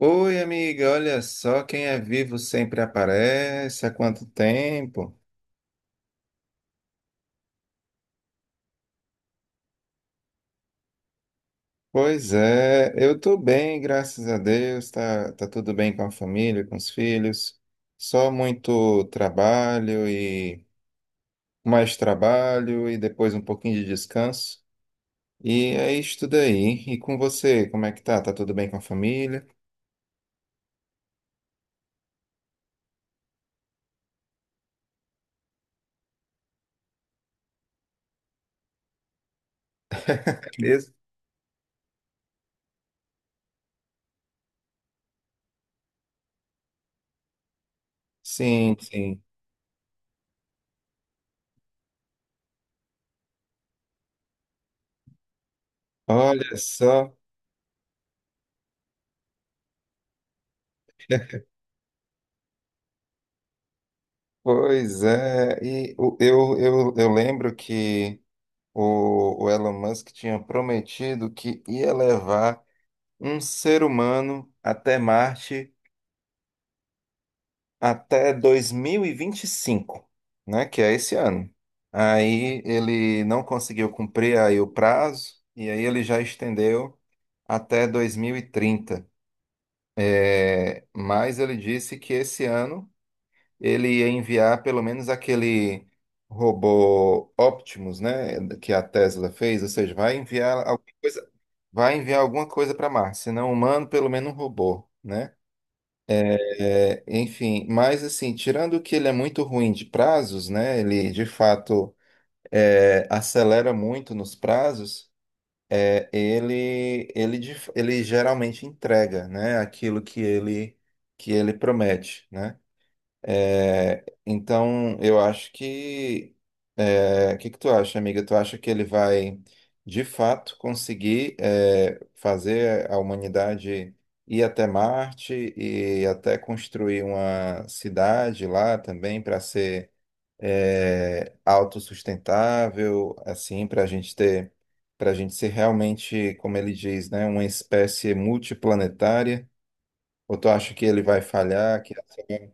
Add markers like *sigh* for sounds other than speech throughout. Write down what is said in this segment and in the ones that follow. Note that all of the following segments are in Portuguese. Oi, amiga, olha só, quem é vivo sempre aparece. Há quanto tempo? Pois é, eu tô bem, graças a Deus. Tá tudo bem com a família, com os filhos. Só muito trabalho e mais trabalho e depois um pouquinho de descanso. E é isso daí. E com você, como é que tá? Tá tudo bem com a família? Beleza? Sim, sim. Olha só, pois é. Eu lembro que. O Elon Musk tinha prometido que ia levar um ser humano até Marte até 2025, né? Que é esse ano. Aí ele não conseguiu cumprir aí o prazo, e aí ele já estendeu até 2030. É, mas ele disse que esse ano ele ia enviar pelo menos aquele robô Optimus, né, que a Tesla fez, ou seja, vai enviar alguma coisa, vai enviar alguma coisa para Marte, se não humano, pelo menos um robô, né? É, enfim, mas assim, tirando que ele é muito ruim de prazos, né? Ele de fato acelera muito nos prazos. Ele geralmente entrega, né, aquilo que ele promete, né? É, então, eu acho que o que que tu acha, amiga? Tu acha que ele vai, de fato, conseguir fazer a humanidade ir até Marte e até construir uma cidade lá também para ser autossustentável, assim, para a gente ter, para a gente ser realmente, como ele diz, né, uma espécie multiplanetária? Ou tu acha que ele vai falhar, que assim,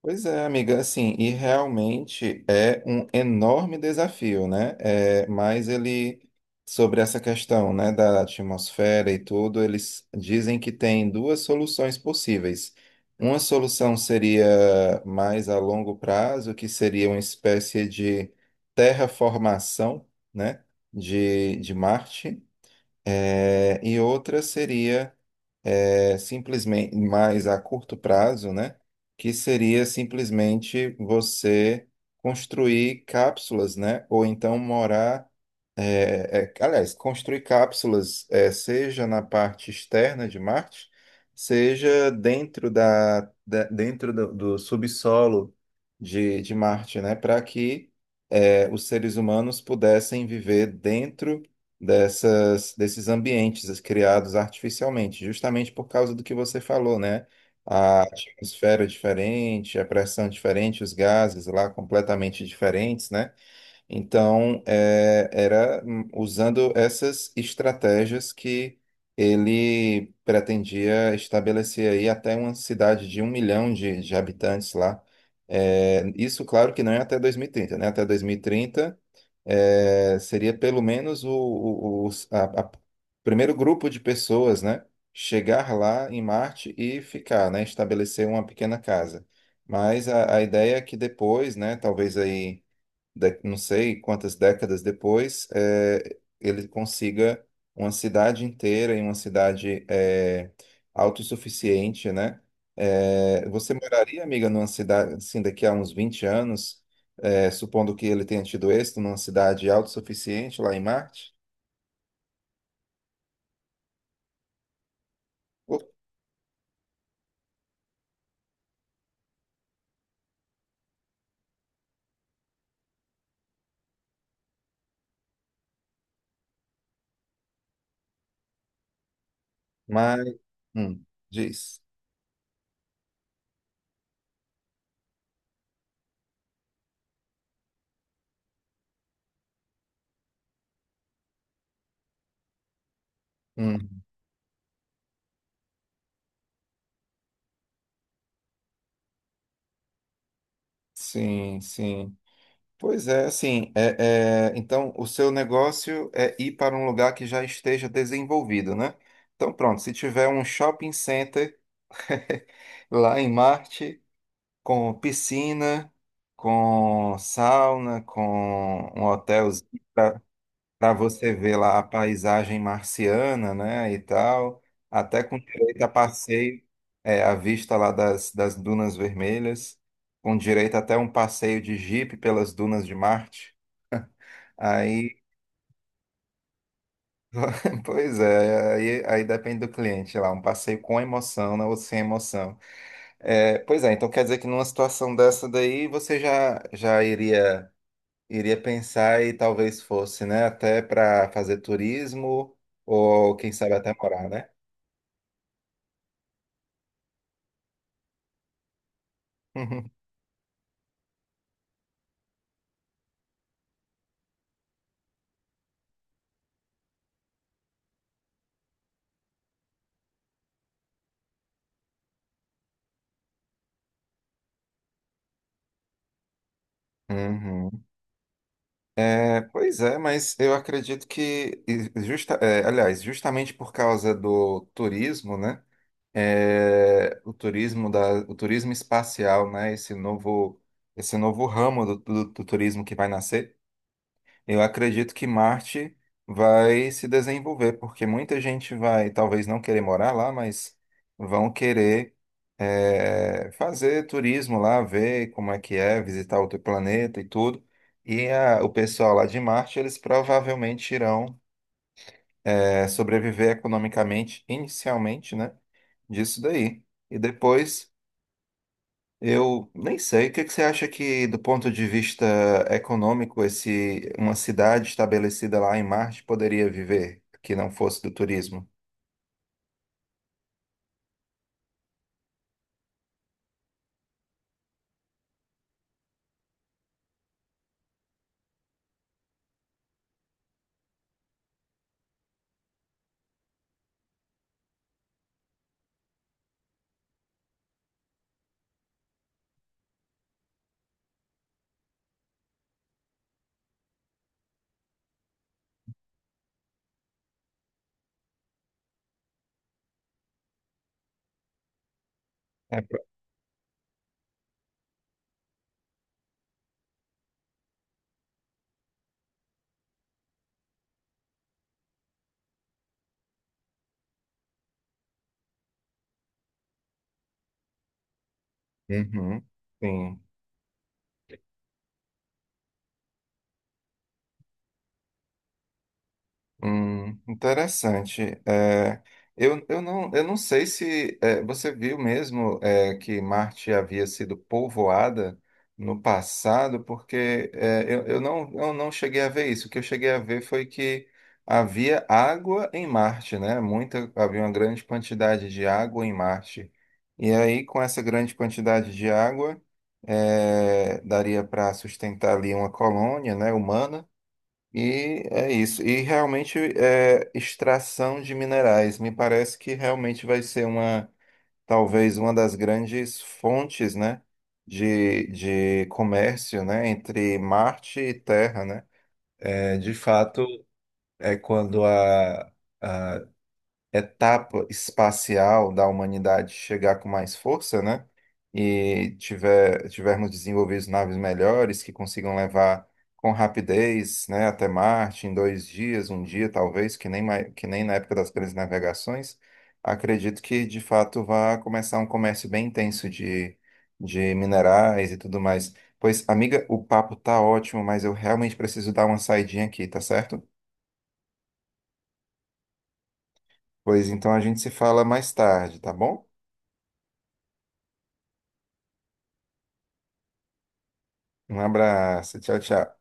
pois é, amiga, assim, e realmente é um enorme desafio, né? É, mas ele, sobre essa questão, né, da atmosfera e tudo, eles dizem que tem duas soluções possíveis. Uma solução seria mais a longo prazo, que seria uma espécie de terraformação, né, de Marte. É, e outra seria simplesmente mais a curto prazo, né? Que seria simplesmente você construir cápsulas, né? Ou então morar, aliás, construir cápsulas, é, seja na parte externa de Marte, seja dentro do subsolo de Marte, né? Para que os seres humanos pudessem viver dentro desses ambientes criados artificialmente, justamente por causa do que você falou, né? A atmosfera é diferente, a pressão é diferente, os gases lá completamente diferentes, né? Então, é, era usando essas estratégias que ele pretendia estabelecer aí até uma cidade de 1 milhão de habitantes lá. É, isso, claro que não é até 2030, né? Até 2030 seria pelo menos o primeiro grupo de pessoas, né? Chegar lá em Marte e ficar, né? Estabelecer uma pequena casa. Mas a ideia é que depois, né? Talvez aí não sei quantas décadas depois, ele consiga uma cidade inteira e uma cidade autossuficiente, né? Você moraria, amiga, numa cidade, assim, daqui a uns 20 anos, supondo que ele tenha tido êxito, numa cidade autossuficiente lá em Marte? Mas, hum, diz. Hum, sim, sim. Pois é, assim, então o seu negócio é ir para um lugar que já esteja desenvolvido, né? Então pronto, se tiver um shopping center *laughs* lá em Marte, com piscina, com sauna, com um hotelzinho para você ver lá a paisagem marciana, né, e tal, até com direito a passeio, é, a vista lá das dunas vermelhas, com direito até um passeio de jipe pelas dunas de Marte. Aí, *laughs* pois é, aí, aí depende do cliente lá, um passeio com emoção, né, ou sem emoção. É, pois é, então quer dizer que numa situação dessa daí você já iria, iria pensar e talvez fosse, né, até para fazer turismo ou quem sabe até morar, né? *laughs* Uhum. É, pois é, mas eu acredito que, e justa, é, aliás, justamente por causa do turismo, né? é, o turismo espacial, né? Esse novo ramo do turismo que vai nascer. Eu acredito que Marte vai se desenvolver, porque muita gente vai, talvez não querer morar lá, mas vão querer fazer turismo lá, ver como é que é, visitar outro planeta e tudo. O pessoal lá de Marte, eles provavelmente irão sobreviver economicamente, inicialmente, né? Disso daí. E depois eu nem sei. O que é que você acha que, do ponto de vista econômico, esse, uma cidade estabelecida lá em Marte poderia viver que não fosse do turismo? É. Uhum, sim. Interessante. É, eu não sei se é, você viu mesmo é, que Marte havia sido povoada no passado, porque é, eu não cheguei a ver isso. O que eu cheguei a ver foi que havia água em Marte, né? Muita, havia uma grande quantidade de água em Marte. E aí, com essa grande quantidade de água, é, daria para sustentar ali uma colônia, né, humana. E é isso. E realmente é extração de minerais. Me parece que realmente vai ser uma, talvez uma das grandes fontes, né, de comércio, né, entre Marte e Terra, né? É, de fato, é quando a etapa espacial da humanidade chegar com mais força, né? E tiver, tivermos desenvolvido naves melhores que consigam levar com rapidez, né, até Marte em 2 dias, um dia talvez, que nem, que nem na época das grandes navegações, acredito que de fato vai começar um comércio bem intenso de minerais e tudo mais. Pois, amiga, o papo tá ótimo, mas eu realmente preciso dar uma saidinha aqui, tá certo? Pois então a gente se fala mais tarde, tá bom? Um abraço. Tchau, tchau.